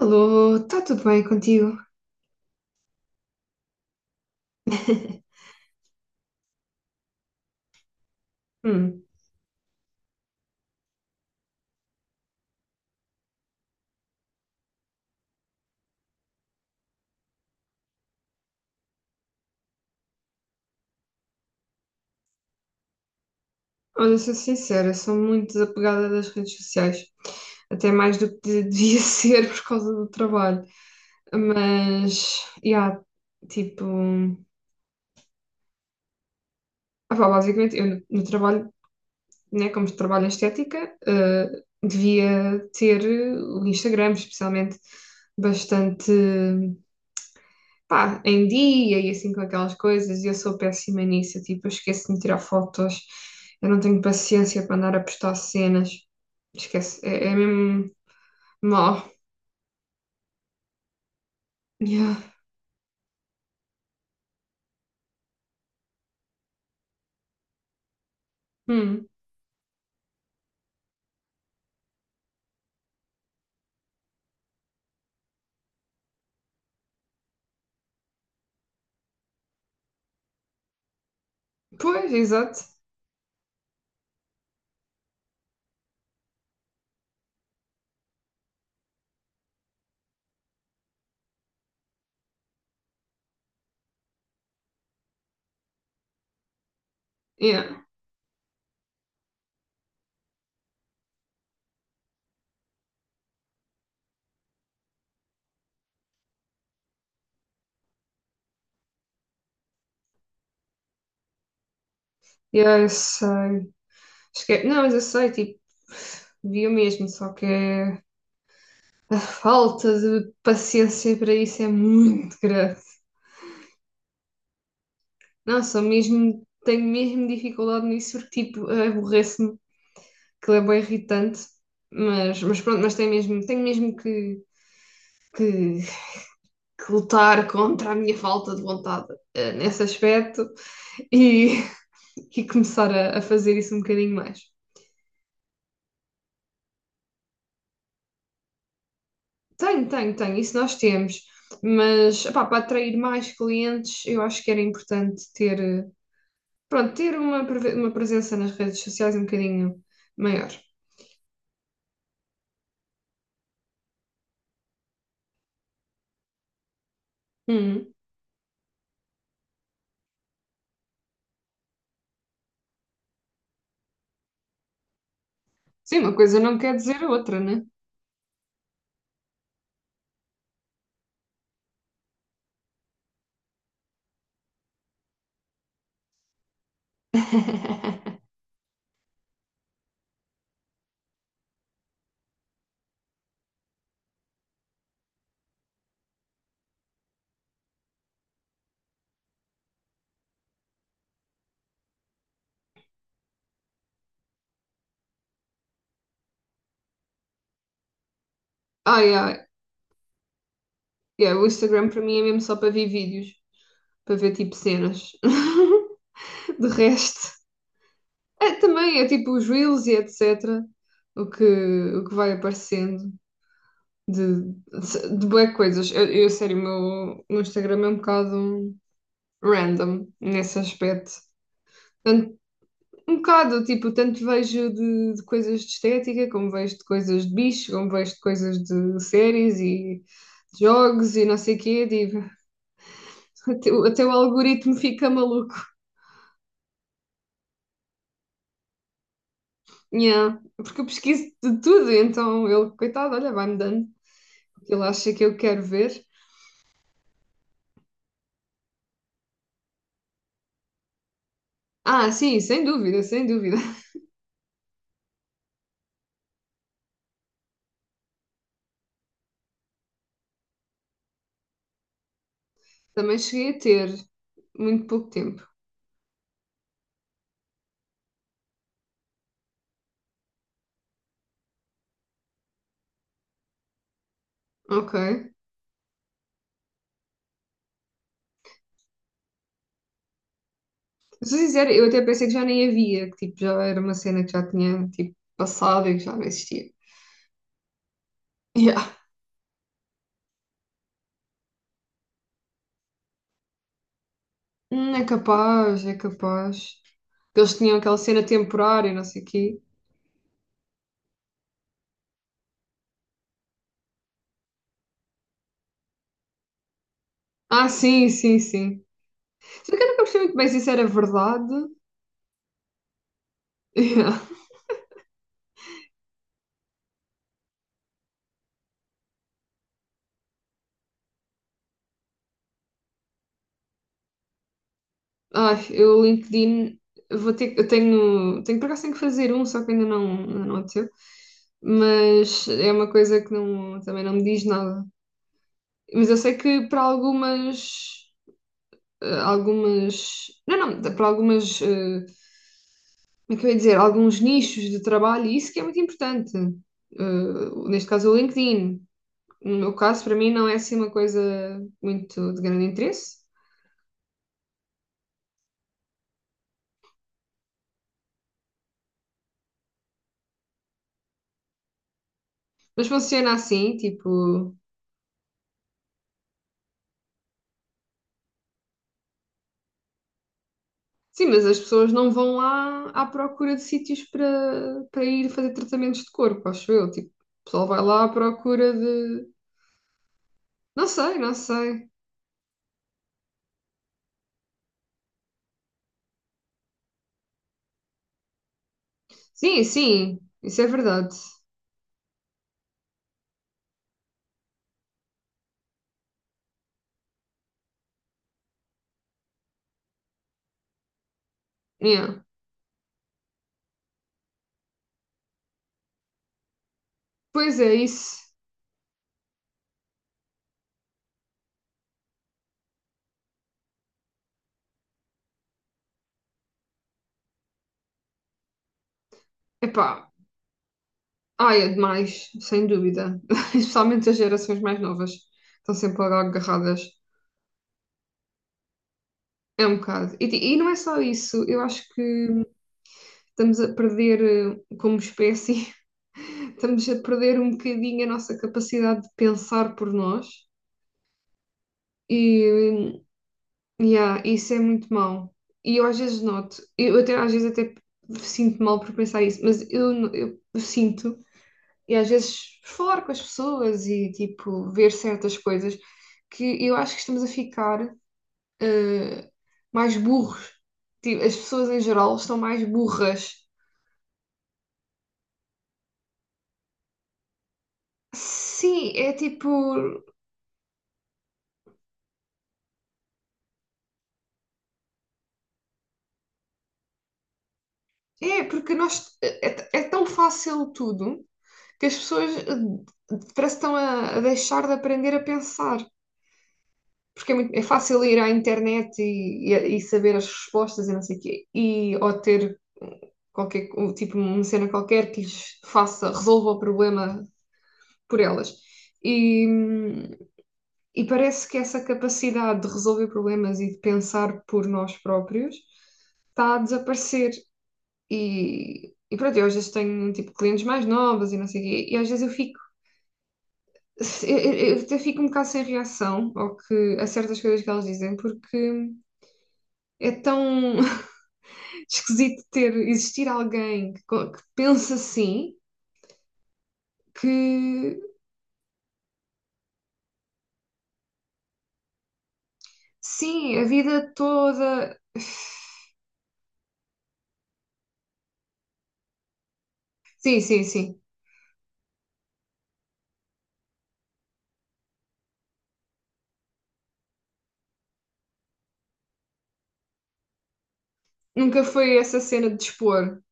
Alô, está tudo bem contigo? Hum, olha, sou sincera, sou muito desapegada das redes sociais, até mais do que devia ser por causa do trabalho. Mas, yeah, tipo, basicamente, eu no trabalho, né, como trabalho em estética, devia ter o Instagram, especialmente, bastante. Pá, em dia e assim com aquelas coisas, e eu sou péssima nisso, eu, tipo, eu esqueço de me tirar fotos, eu não tenho paciência para andar a postar cenas, esquece, é mesmo mal. Yeah. Hum. Pois, exato. Yeah. Yeah, eu sei. Esque... Não, mas eu sei, tipo, vi o mesmo, só que a falta de paciência para isso é muito grande. Não, sou mesmo, tenho mesmo dificuldade nisso, porque, tipo, aborreço-me, aquilo é bem irritante, mas, mas pronto, tenho mesmo, que, que lutar contra a minha falta de vontade, nesse aspecto, e e começar a fazer isso um bocadinho mais. Tenho, isso nós temos, mas epá, para atrair mais clientes eu acho que era importante ter, pronto, ter uma, uma presença nas redes sociais um bocadinho maior. Hum. Sim, uma coisa não quer dizer outra, né? Ai, ai. Yeah, o Instagram para mim é mesmo só para ver vídeos, para ver tipo cenas. De resto, é também, é tipo os reels e etc. O que vai aparecendo de bué coisas. Sério, meu Instagram é um bocado random nesse aspecto. Tanto- um bocado, tipo, tanto vejo de coisas de estética, como vejo de coisas de bicho, como vejo de coisas de séries e de jogos e não sei o quê. Digo, até, até o algoritmo fica maluco. Yeah, porque eu pesquiso de tudo, então ele, coitado, olha, vai-me dando o que ele acha que eu quero ver. Ah, sim, sem dúvida, sem dúvida. Também cheguei a ter muito pouco tempo. Ok. Sou sincera, eu até pensei que já nem havia, que tipo, já era uma cena que já tinha tipo, passado e que já não existia. Yeah. É capaz, é capaz. Que eles tinham aquela cena temporária, não sei o quê. Ah, sim, sim, sim. Só que eu nunca percebi muito bem se isso era verdade. Ai, eu o LinkedIn vou ter, tenho por acaso tenho que fazer um, só que ainda não aconteceu, mas é uma coisa que não, também não me diz nada. Mas eu sei que para algumas, eh, algumas, não, não, para algumas, como é que eu ia dizer, alguns nichos de trabalho, isso que é muito importante. Eh, neste caso o LinkedIn. No meu caso, para mim não é assim uma coisa muito de grande interesse, mas funciona assim, tipo. Sim, mas as pessoas não vão lá à procura de sítios para, para ir fazer tratamentos de corpo, acho eu. Tipo, o pessoal vai lá à procura de. Não sei, não sei. Sim, sim, isso é verdade. Yeah. Pois é, isso. Epá, ai, é demais, sem dúvida. Especialmente as gerações mais novas estão sempre agarradas. É um bocado. E, e não é só isso, eu acho que estamos a perder, como espécie, estamos a perder um bocadinho a nossa capacidade de pensar por nós. E yeah, isso é muito mau. E eu às vezes noto, eu até, às vezes até sinto mal por pensar isso, mas eu sinto, e às vezes por falar com as pessoas e tipo ver certas coisas, que eu acho que estamos a ficar eh, mais burros. Tipo, as pessoas em geral estão mais burras. Sim, é tipo, é porque nós é, é é tão fácil tudo que as pessoas, parece que estão a deixar de aprender a pensar. Porque é, muito, é fácil ir à internet e, e saber as respostas e não sei o quê, e, ou ter qualquer, um tipo, uma cena qualquer que lhes faça, resolva o problema por elas. E, e parece que essa capacidade de resolver problemas e de pensar por nós próprios está a desaparecer. E pronto, eu às vezes tenho tipo clientes mais novas e não sei o quê, e às vezes eu fico, eu até fico um bocado sem reação ao que, a certas coisas que elas dizem, porque é tão esquisito ter existir alguém que, que pensa assim, que sim, a vida toda. Sim, sim, sim. Nunca foi essa cena de expor.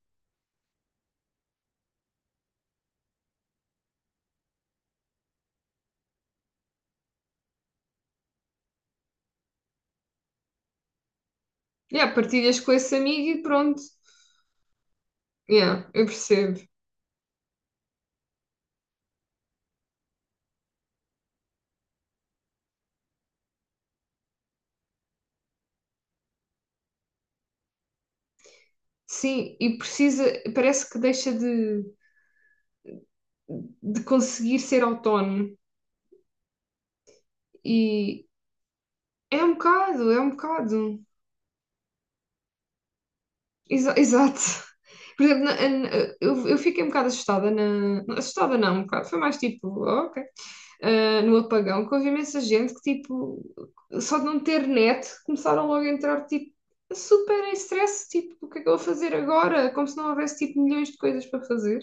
Yeah, partilhas com esse amigo e pronto. Yeah, eu percebo. Sim, e precisa, parece que deixa de conseguir ser autónomo. E é um bocado, é um bocado. Exa- exato. Por exemplo, eu fiquei um bocado assustada na. Assustada não, um bocado. Foi mais tipo, "Oh, ok. Ah, no apagão, que houve imensa gente que, tipo, só de não ter net, começaram logo a entrar, tipo, super em stress, tipo, o que é que eu vou fazer agora? Como se não houvesse, tipo, milhões de coisas para fazer.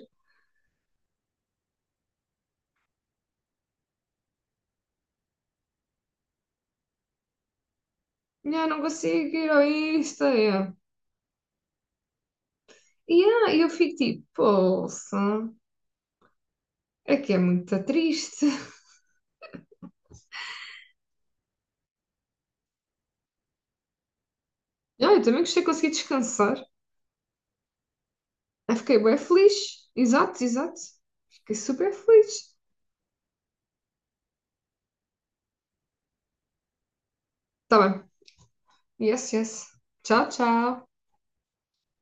Ah, não consigo ir ao Insta, yeah. Yeah, e ah, eu fico tipo, poça, é que é muito triste. Ah, eu também gostei de conseguir descansar. Eu fiquei bem feliz. Exato, exato. Fiquei super feliz. Tá bem. Yes, yes. Tchau, tchau.